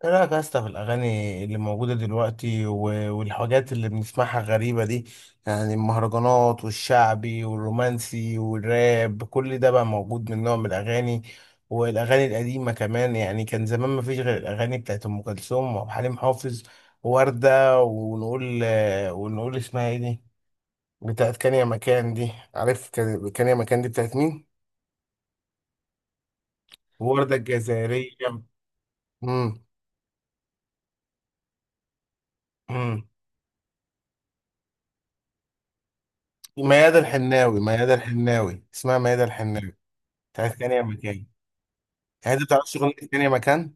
ايه رايك يا اسطى في الاغاني اللي موجوده دلوقتي والحاجات اللي بنسمعها غريبه دي؟ يعني المهرجانات والشعبي والرومانسي والراب كل ده بقى موجود من نوع من الاغاني، والاغاني القديمه كمان. يعني كان زمان ما فيش غير الاغاني بتاعت ام كلثوم وعبد الحليم حافظ ووردة. ونقول اسمها ايه دي؟ بتاعت كان يا مكان دي، عارف؟ كان يا مكان دي بتاعت مين؟ وردة الجزائرية. امم ميادة الحناوي، اسمها ميادة الحناوي. بتاعت ثانية مكان. يعني انت بتعرفش اغنية ثانية مكان؟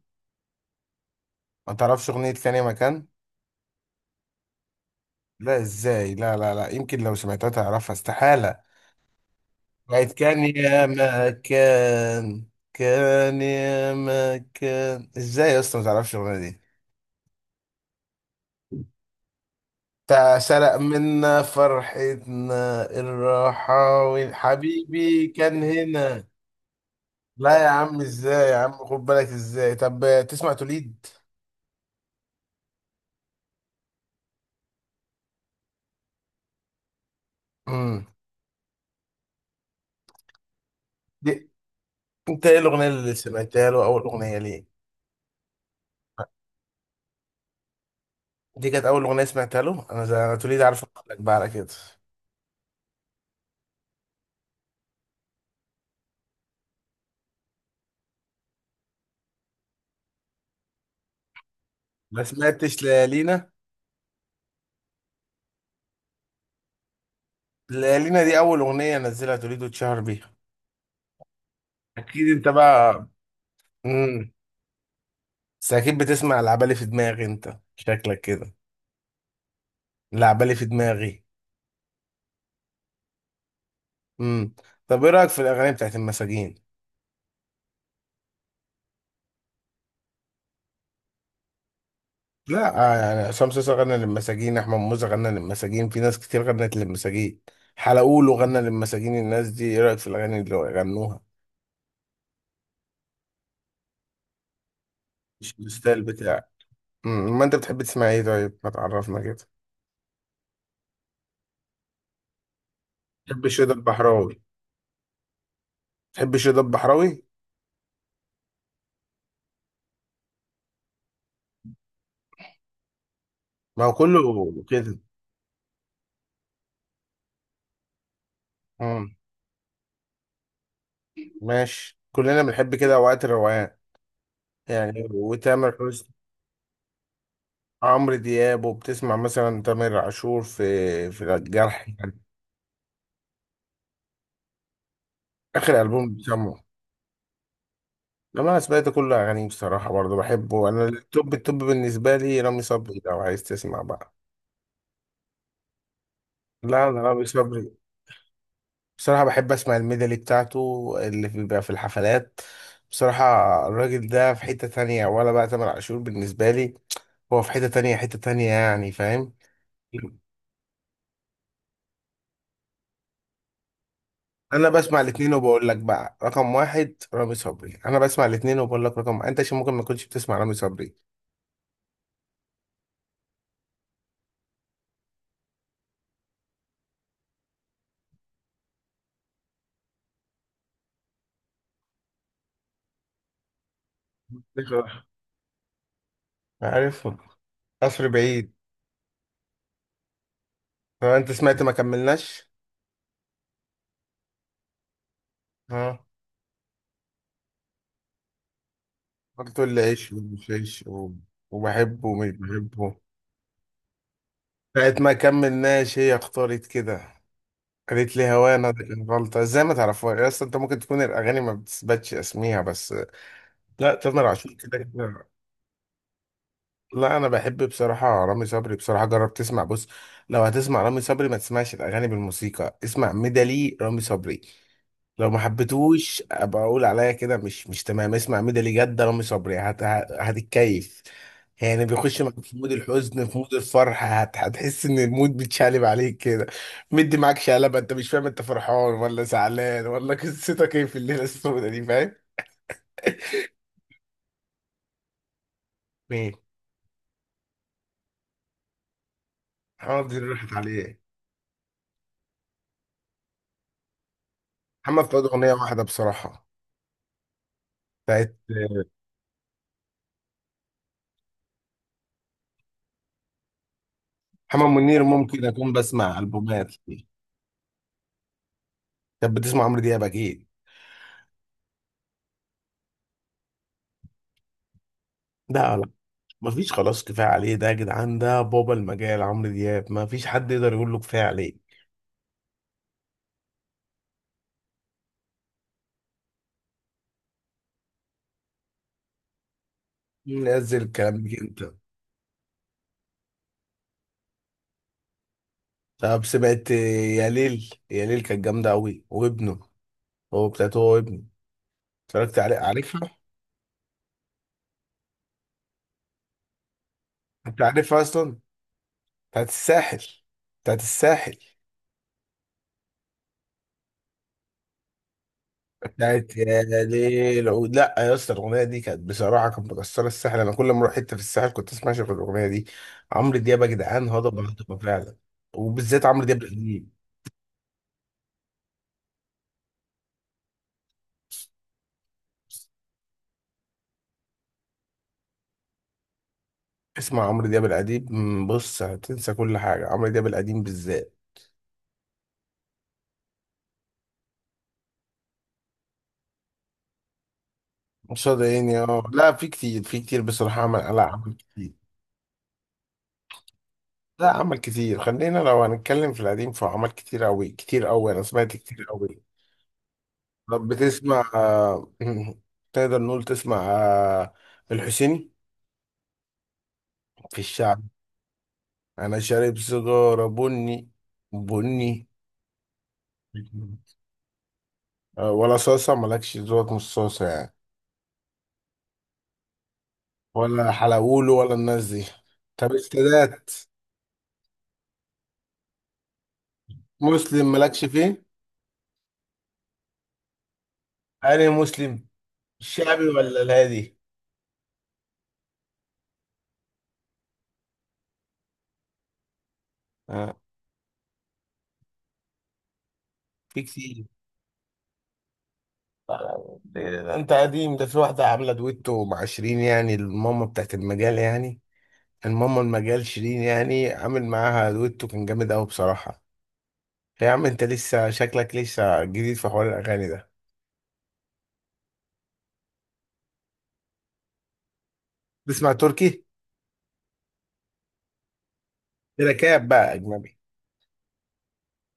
ما تعرفش اغنية ثانية مكان؟ لا، ازاي؟ لا لا لا، يمكن لو سمعتها تعرفها، استحالة. بقت كان يا مكان. كان يا مكان، ازاي يا اسطى ما تعرفش الاغنية دي؟ بتاع سرق منا فرحتنا الرحاوي، حبيبي كان هنا. لا يا عم، ازاي يا عم؟ خد بالك، ازاي؟ طب تسمع توليد؟ امم انت ايه الاغنيه اللي سمعتها له؟ اول اغنيه ليه؟ دي كانت اول اغنيه سمعتها له، انا زي انا توليد، عارف؟ اقول لك بقى على كده. ما سمعتش ليالينا؟ ليالينا دي اول اغنيه نزلها توليد واتشهر بيها. اكيد انت بقى. امم بس اكيد بتسمع العبالي في دماغي، انت شكلك كده. العبالي في دماغي. امم طب ايه رايك في الاغاني بتاعت المساجين؟ لا، يعني عصام صاصا غنى للمساجين، احمد موسى غنى للمساجين، في ناس كتير غنت للمساجين. حلقوله غنى للمساجين. الناس دي ايه رايك في الاغاني اللي غنوها؟ مش الستايل بتاعك. ما انت بتحب تسمع ايه؟ طيب ما تعرفنا كده. تحب الشيدر البحراوي؟ تحب الشيدر البحراوي؟ ما هو كله كده. امم ماشي، كلنا بنحب كده اوقات الروقان. يعني وتامر حسني. عمرو دياب. وبتسمع مثلا تامر عاشور في الجرح يعني؟ اخر البوم بسمعه. لما انا سمعت كل اغانيه بصراحه، برضه بحبه. انا التوب التوب بالنسبه لي رامي صبري، لو عايز تسمع بقى. لا، انا رامي صبري. بصراحة بحب أسمع الميدالي بتاعته. بيبقى في الحفلات. بصراحة. الراجل ده في حتة تانية، ولا بقى تامر عاشور بالنسبة لي. هو في حتة تانية، حتة تانية، يعني، فاهم؟ أنا بسمع الاتنين وبقول لك بقى رقم واحد رامي صبري. أنا بسمع الاتنين وبقول لك رقم. أنت عشان ممكن ما كنتش بتسمع رامي صبري. بصراحة. عارف. قصر بعيد. هو أنت سمعت ما كملناش؟ ها؟ قلت لي عيش ومش عيش وبحبه ومش بحبه. ساعة ما كملناش، هي اختارت كده. قالت لي هوانا. غلطة! ازاي ما تعرفوها يا اسطى؟ انت ممكن تكون الأغاني ما بتثبتش اسميها بس. لا، تامر عاشور كده كده. لا، انا بحب بصراحة رامي صبري. بصراحة، جرب تسمع، بص. لو هتسمع رامي صبري ما تسمعش الأغاني بالموسيقى، اسمع ميدالي رامي صبري. لو ما حبيتوش ابقى اقول عليا كده مش تمام. اسمع ميدو جد رامي صبري هتتكيف. يعني بيخش معاك في مود الحزن، في مود الفرح هتحس ان المود بيتشقلب عليك كده. مدي معاك شقلبه، انت مش فاهم انت فرحان ولا زعلان ولا قصتك ايه في الليله السوداء دي، فاهم؟ مين؟ محمد منير راحت عليه. محمد فؤاد اغنيه واحده بصراحه. بتاعت. محمد منير ممكن اكون بسمع البومات ليه. كانت بتسمع عمرو دياب اكيد؟ لا، لا. ما فيش خلاص كفايه عليه. ده يا جدعان ده بابا المجال عمرو دياب، ما فيش حد يقدر يقول له كفايه عليك. نزل الكلام ده انت؟ طب سمعت يا ليل؟ يا ليل كانت جامده قوي، وابنه. هو بتاعته هو وابنه. اتفرجت عليه، عارفها؟ انت عارفها اصلا؟ بتاعت الساحل. بتاعت الساحل. بتاعت يا ليل عود. لا يا اسطى، الاغنيه دي كانت بصراحه كانت مكسره الساحل. انا كل ما اروح حته في الساحل كنت اسمع شغل الاغنيه دي. عمرو دياب يا جدعان، هضبه هضبه فعلا. وبالذات عمرو دياب القديم. اسمع عمرو دياب القديم، بص، هتنسى كل حاجة. عمرو دياب القديم بالذات. صدقني، اه لا، في كتير بصراحة عمل. لا، عمل كتير. لا، عمل كتير، خلينا لو هنتكلم في القديم فهو عمل كتير أوي كتير أوي. أنا سمعت كتير أوي. طب بتسمع تقدر نقول تسمع، الحسيني. في الشعب. أنا شارب سيجارة بني. بني. ولا صاصة مالكش ذوق، مش صاصة يعني؟ ولا حلاوولو ولا الناس دي؟ طب السادات؟ مسلم مالكش فيه؟ أنا مسلم. الشعبي ولا الهادي؟ آه. في كتير. ده انت قديم، ده في واحدة عاملة دويتو مع شيرين، يعني الماما بتاعت المجال يعني. الماما المجال شيرين، يعني عامل معاها دويتو كان جامد قوي بصراحة. يا عم، انت لسه شكلك لسه جديد في حوار الأغاني ده. تسمع تركي؟ تراكات بقى أجنبي.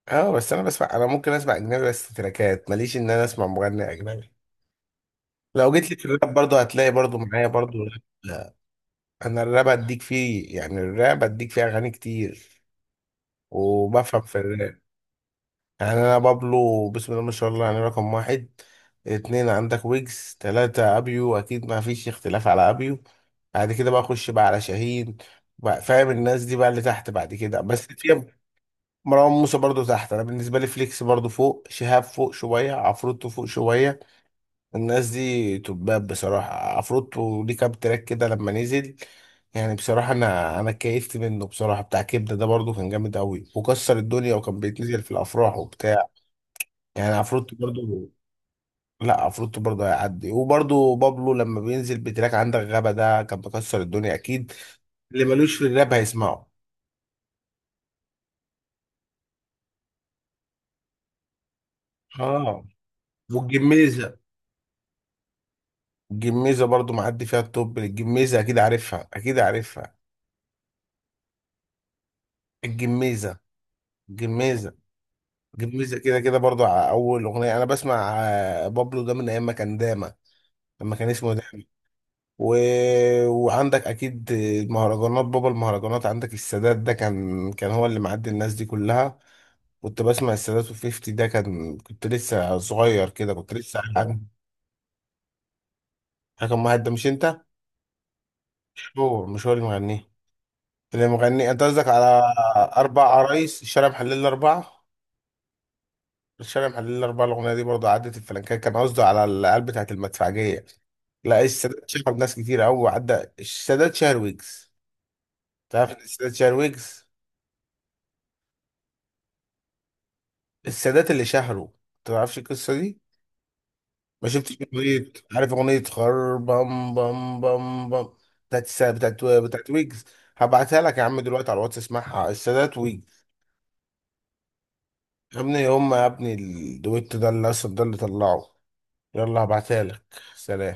اه، بس انا بسمع، انا ممكن اسمع اجنبي بس تراكات، ماليش ان انا اسمع مغني اجنبي. لو جيت لي في الراب، برضه هتلاقي برضه معايا برضه. انا الراب اديك فيه، يعني الراب اديك فيه اغاني كتير. وبفهم في الراب. يعني انا بابلو، بسم الله ما شاء الله، يعني رقم واحد. اتنين عندك ويجز، تلاتة ابيو، اكيد ما فيش اختلاف على ابيو. بعد كده بقى اخش بقى على شاهين. بقى، فاهم؟ الناس دي بقى اللي تحت. بعد كده بس في، مروان موسى برضو تحت. انا بالنسبة لي فليكس برضو فوق، شهاب فوق شوية، عفروتو فوق شوية. الناس دي تباب بصراحة. عفروتو ليه كام تراك كده لما نزل. يعني بصراحة أنا كيفت منه بصراحة. بتاع كبدة ده برضو كان جامد أوي وكسر الدنيا وكان بيتنزل في الأفراح وبتاع. يعني عفروتو برضو. لا، عفروتو برضو هيعدي. وبرضو بابلو لما بينزل بتراك عندك غابة ده كان بيكسر الدنيا أكيد. اللي ملوش في الراب هيسمعه. اه. والجميزة. الجميزة برضو معدي فيها التوب. الجميزة أكيد عارفها، أكيد عارفها. الجميزة. الجميزة. جميزة كده كده برضو على أول أغنية. أنا بسمع بابلو ده من أيام ما كان داما. لما كان اسمه داما. و... وعندك أكيد المهرجانات، بابا المهرجانات عندك السادات ده كان هو اللي معدي الناس دي كلها. كنت بسمع السادات وفيفتي، ده كان، كنت لسه صغير كده، كنت لسه حاجة. حاجة مهد، ده مش أنت؟ مش هو اللي مغنيه؟ اللي مغنيه. أنت قصدك على أربع عرايس الشارع محلل الأربعة؟ الشارع محلل الأربعة الأغنية دي برضه عدت الفلنكات، كان قصده على القلب بتاعت المدفعجية. لا، السادات شهر ناس كتير أوي، عدى السادات شهر ويجز. تعرف إن السادات شهر ويجز؟ السادات اللي شهره. تعرفش القصة دي؟ ما شفتش أغنية؟ عارف أغنية خر بام بام بام بام؟ بتاعت السادات. بتاعت ويجز. هبعتها لك يا عم دلوقتي على الواتس، اسمعها السادات ويجز. يا ابني، هما يا ابني الدويتو ده اللي أصلا ده اللي طلعه. يلا هبعتها لك. سلام.